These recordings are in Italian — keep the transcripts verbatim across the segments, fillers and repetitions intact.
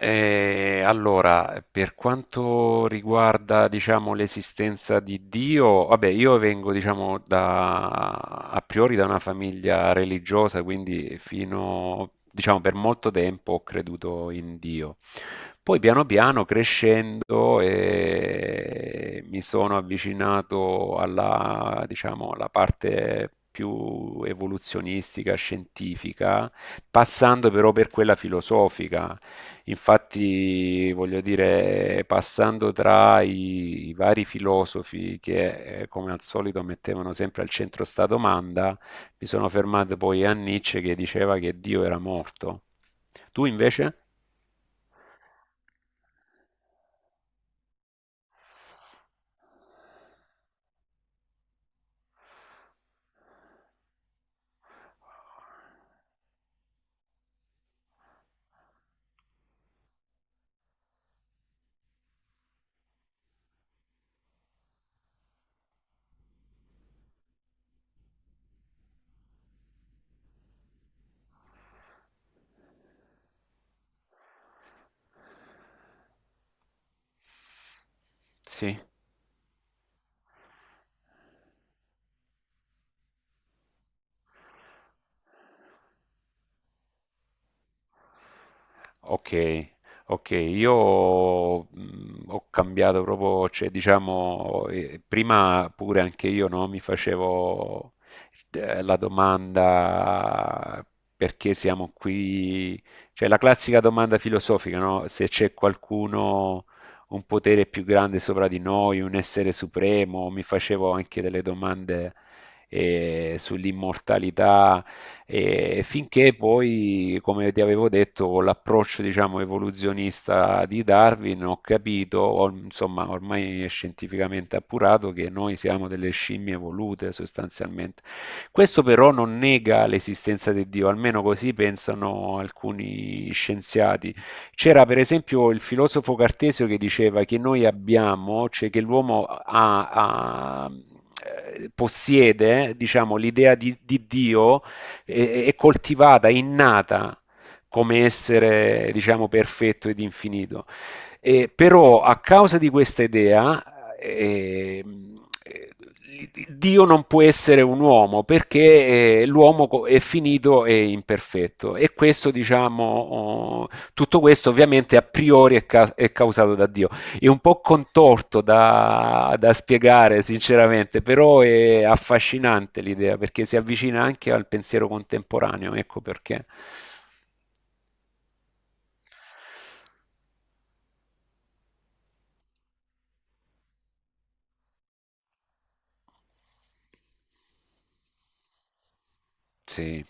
Eh, allora, per quanto riguarda, diciamo, l'esistenza di Dio, vabbè, io vengo, diciamo, da, a priori da una famiglia religiosa, quindi fino, diciamo, per molto tempo ho creduto in Dio. Poi piano piano crescendo eh, mi sono avvicinato alla, diciamo, alla parte più evoluzionistica, scientifica passando però per quella filosofica. Infatti, voglio dire, passando tra i, i vari filosofi che, eh, come al solito, mettevano sempre al centro sta domanda, mi sono fermato poi a Nietzsche che diceva che Dio era morto. Tu invece? Sì. Ok, ok, io mh, ho cambiato proprio, cioè diciamo, eh, prima pure anche io no, mi facevo eh, la domanda perché siamo qui, cioè la classica domanda filosofica, no? Se c'è qualcuno, un potere più grande sopra di noi, un essere supremo, mi facevo anche delle domande eh, sull'immortalità e finché poi, come ti avevo detto, con l'approccio, diciamo, evoluzionista di Darwin, ho capito, o- insomma, ormai è scientificamente appurato che noi siamo delle scimmie evolute sostanzialmente. Questo però non nega l'esistenza di Dio, almeno così pensano alcuni scienziati. C'era per esempio il filosofo Cartesio che diceva che noi abbiamo, cioè che l'uomo ha- ha- eh, possiede, diciamo, l'idea di di Dio è, è coltivata, innata come essere, diciamo, perfetto ed infinito. E, però a causa di questa idea, eh, Dio non può essere un uomo perché eh, l'uomo è finito e imperfetto e questo diciamo oh, tutto questo ovviamente a priori è, ca- è causato da Dio è un po' contorto da, da spiegare sinceramente, però è affascinante l'idea perché si avvicina anche al pensiero contemporaneo, ecco perché. Sì,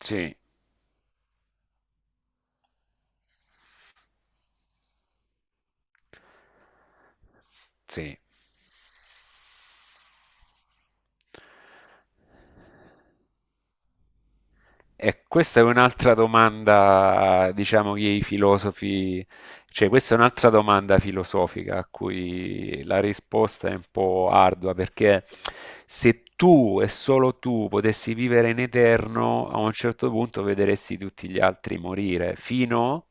sì, sì. E questa è un'altra domanda, diciamo, che i filosofi, cioè questa è un'altra domanda filosofica a cui la risposta è un po' ardua, perché se tu e solo tu potessi vivere in eterno, a un certo punto vedresti tutti gli altri morire, fino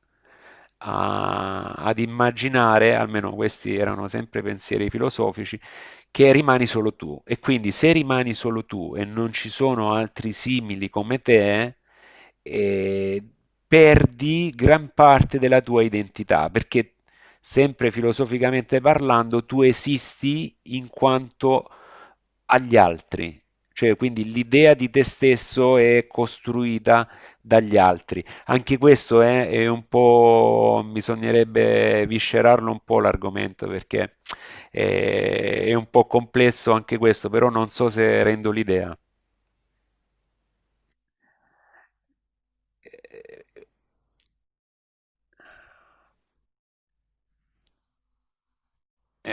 a- ad immaginare, almeno questi erano sempre pensieri filosofici, che rimani solo tu. E quindi se rimani solo tu e non ci sono altri simili come te, eh, perdi gran parte della tua identità, perché sempre filosoficamente parlando tu esisti in quanto agli altri, cioè quindi l'idea di te stesso è costruita dagli altri. Anche questo è, è un po', bisognerebbe viscerarlo un po' l'argomento perché eh, è, un po' complesso anche questo, però non so se rendo l'idea. Eh,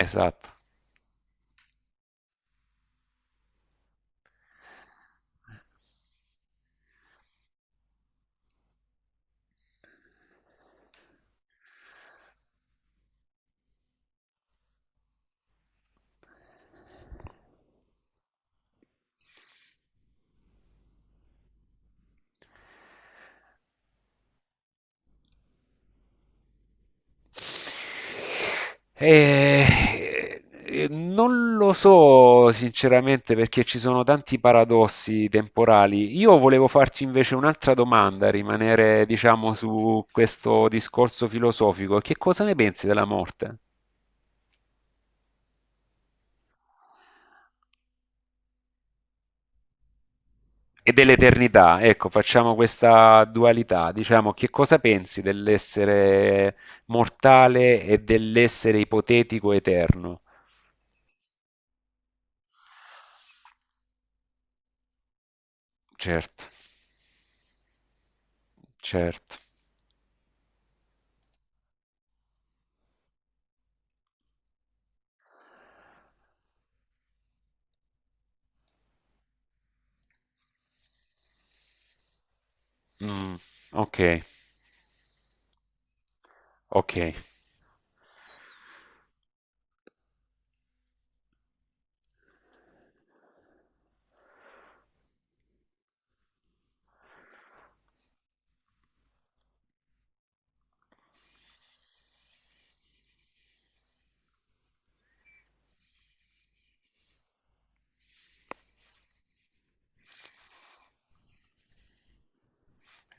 Esatto. Eh, eh, non lo so sinceramente perché ci sono tanti paradossi temporali. Io volevo farti invece un'altra domanda, rimanere, diciamo, su questo discorso filosofico. Che cosa ne pensi della morte e dell'eternità? Ecco, facciamo questa dualità, diciamo, che cosa pensi dell'essere mortale e dell'essere ipotetico eterno? Certo, certo. Mm, ok. Okay,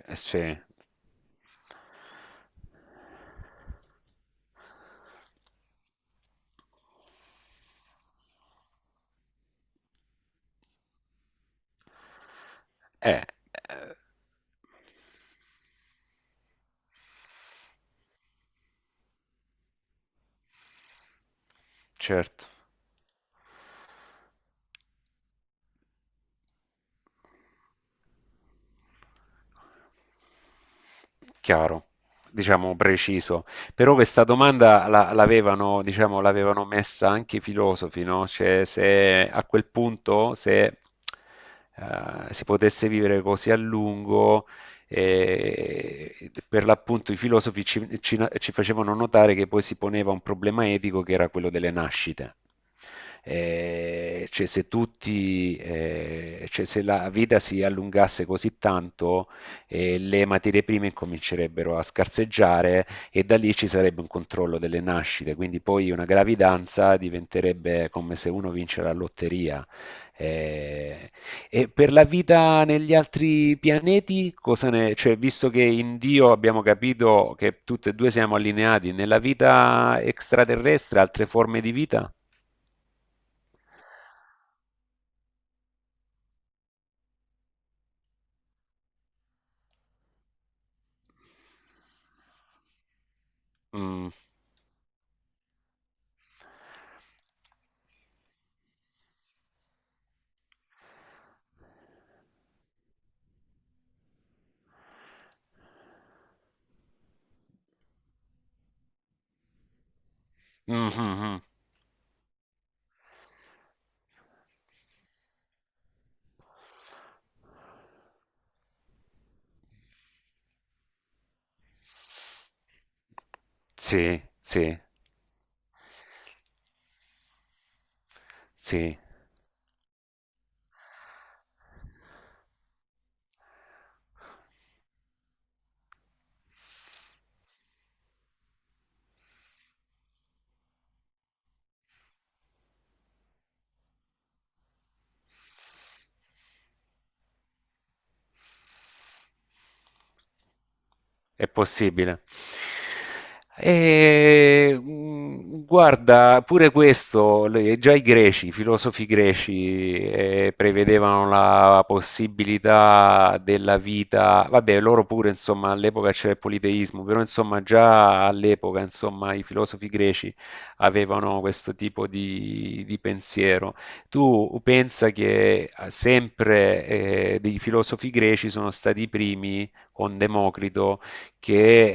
eh sì. Eh, ehm, certo. Chiaro, diciamo preciso. Però questa domanda la l'avevano diciamo, l'avevano messa anche i filosofi, no, cioè se a quel punto se, ehm, si potesse vivere così a lungo, eh, per l'appunto i filosofi ci, ci- ci facevano notare che poi si poneva un problema etico che era quello delle nascite. Eh, cioè, se tutti, eh, cioè, se la vita si allungasse così tanto, eh, le materie prime incomincerebbero a scarseggiare e da lì ci sarebbe un controllo delle nascite, quindi poi una gravidanza diventerebbe come se uno vince la lotteria. Eh, e per la vita negli altri pianeti, cosa ne... cioè, visto che in Dio abbiamo capito che tutti e due siamo allineati, nella vita extraterrestre, altre forme di vita? Mm. Mhm, mhm. Sì, sì, sì. È possibile. E, mh, guarda, pure questo, le- già i greci, i filosofi greci, eh, prevedevano la possibilità della vita, vabbè, loro pure, insomma, all'epoca c'era il politeismo, però, insomma, già all'epoca, insomma, i filosofi greci avevano questo tipo di, di pensiero. Tu pensa che eh, sempre, eh, dei filosofi greci sono stati i primi con Democrito che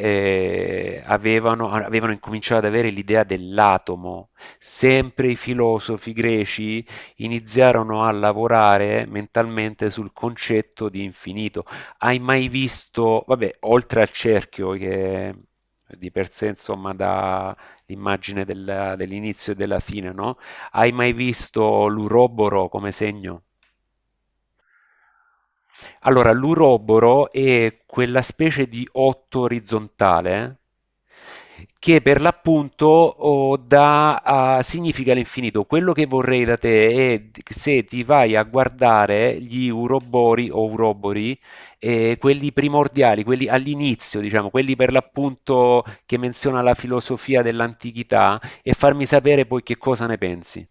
eh, avevano, avevano incominciato ad avere l'idea dell'atomo. Sempre i filosofi greci iniziarono a lavorare mentalmente sul concetto di infinito. Hai mai visto, vabbè, oltre al cerchio che di per sé insomma dà l'immagine della- dell'inizio e della fine, no? Hai mai visto l'uroboro come segno? Allora, l'uroboro è quella specie di otto orizzontale che per l'appunto oh, dà, ah, significa l'infinito. Quello che vorrei da te è d- se ti vai a guardare gli urobori o urobori, eh, quelli primordiali, quelli all'inizio, diciamo, quelli per l'appunto che menziona la filosofia dell'antichità, e farmi sapere poi che cosa ne pensi.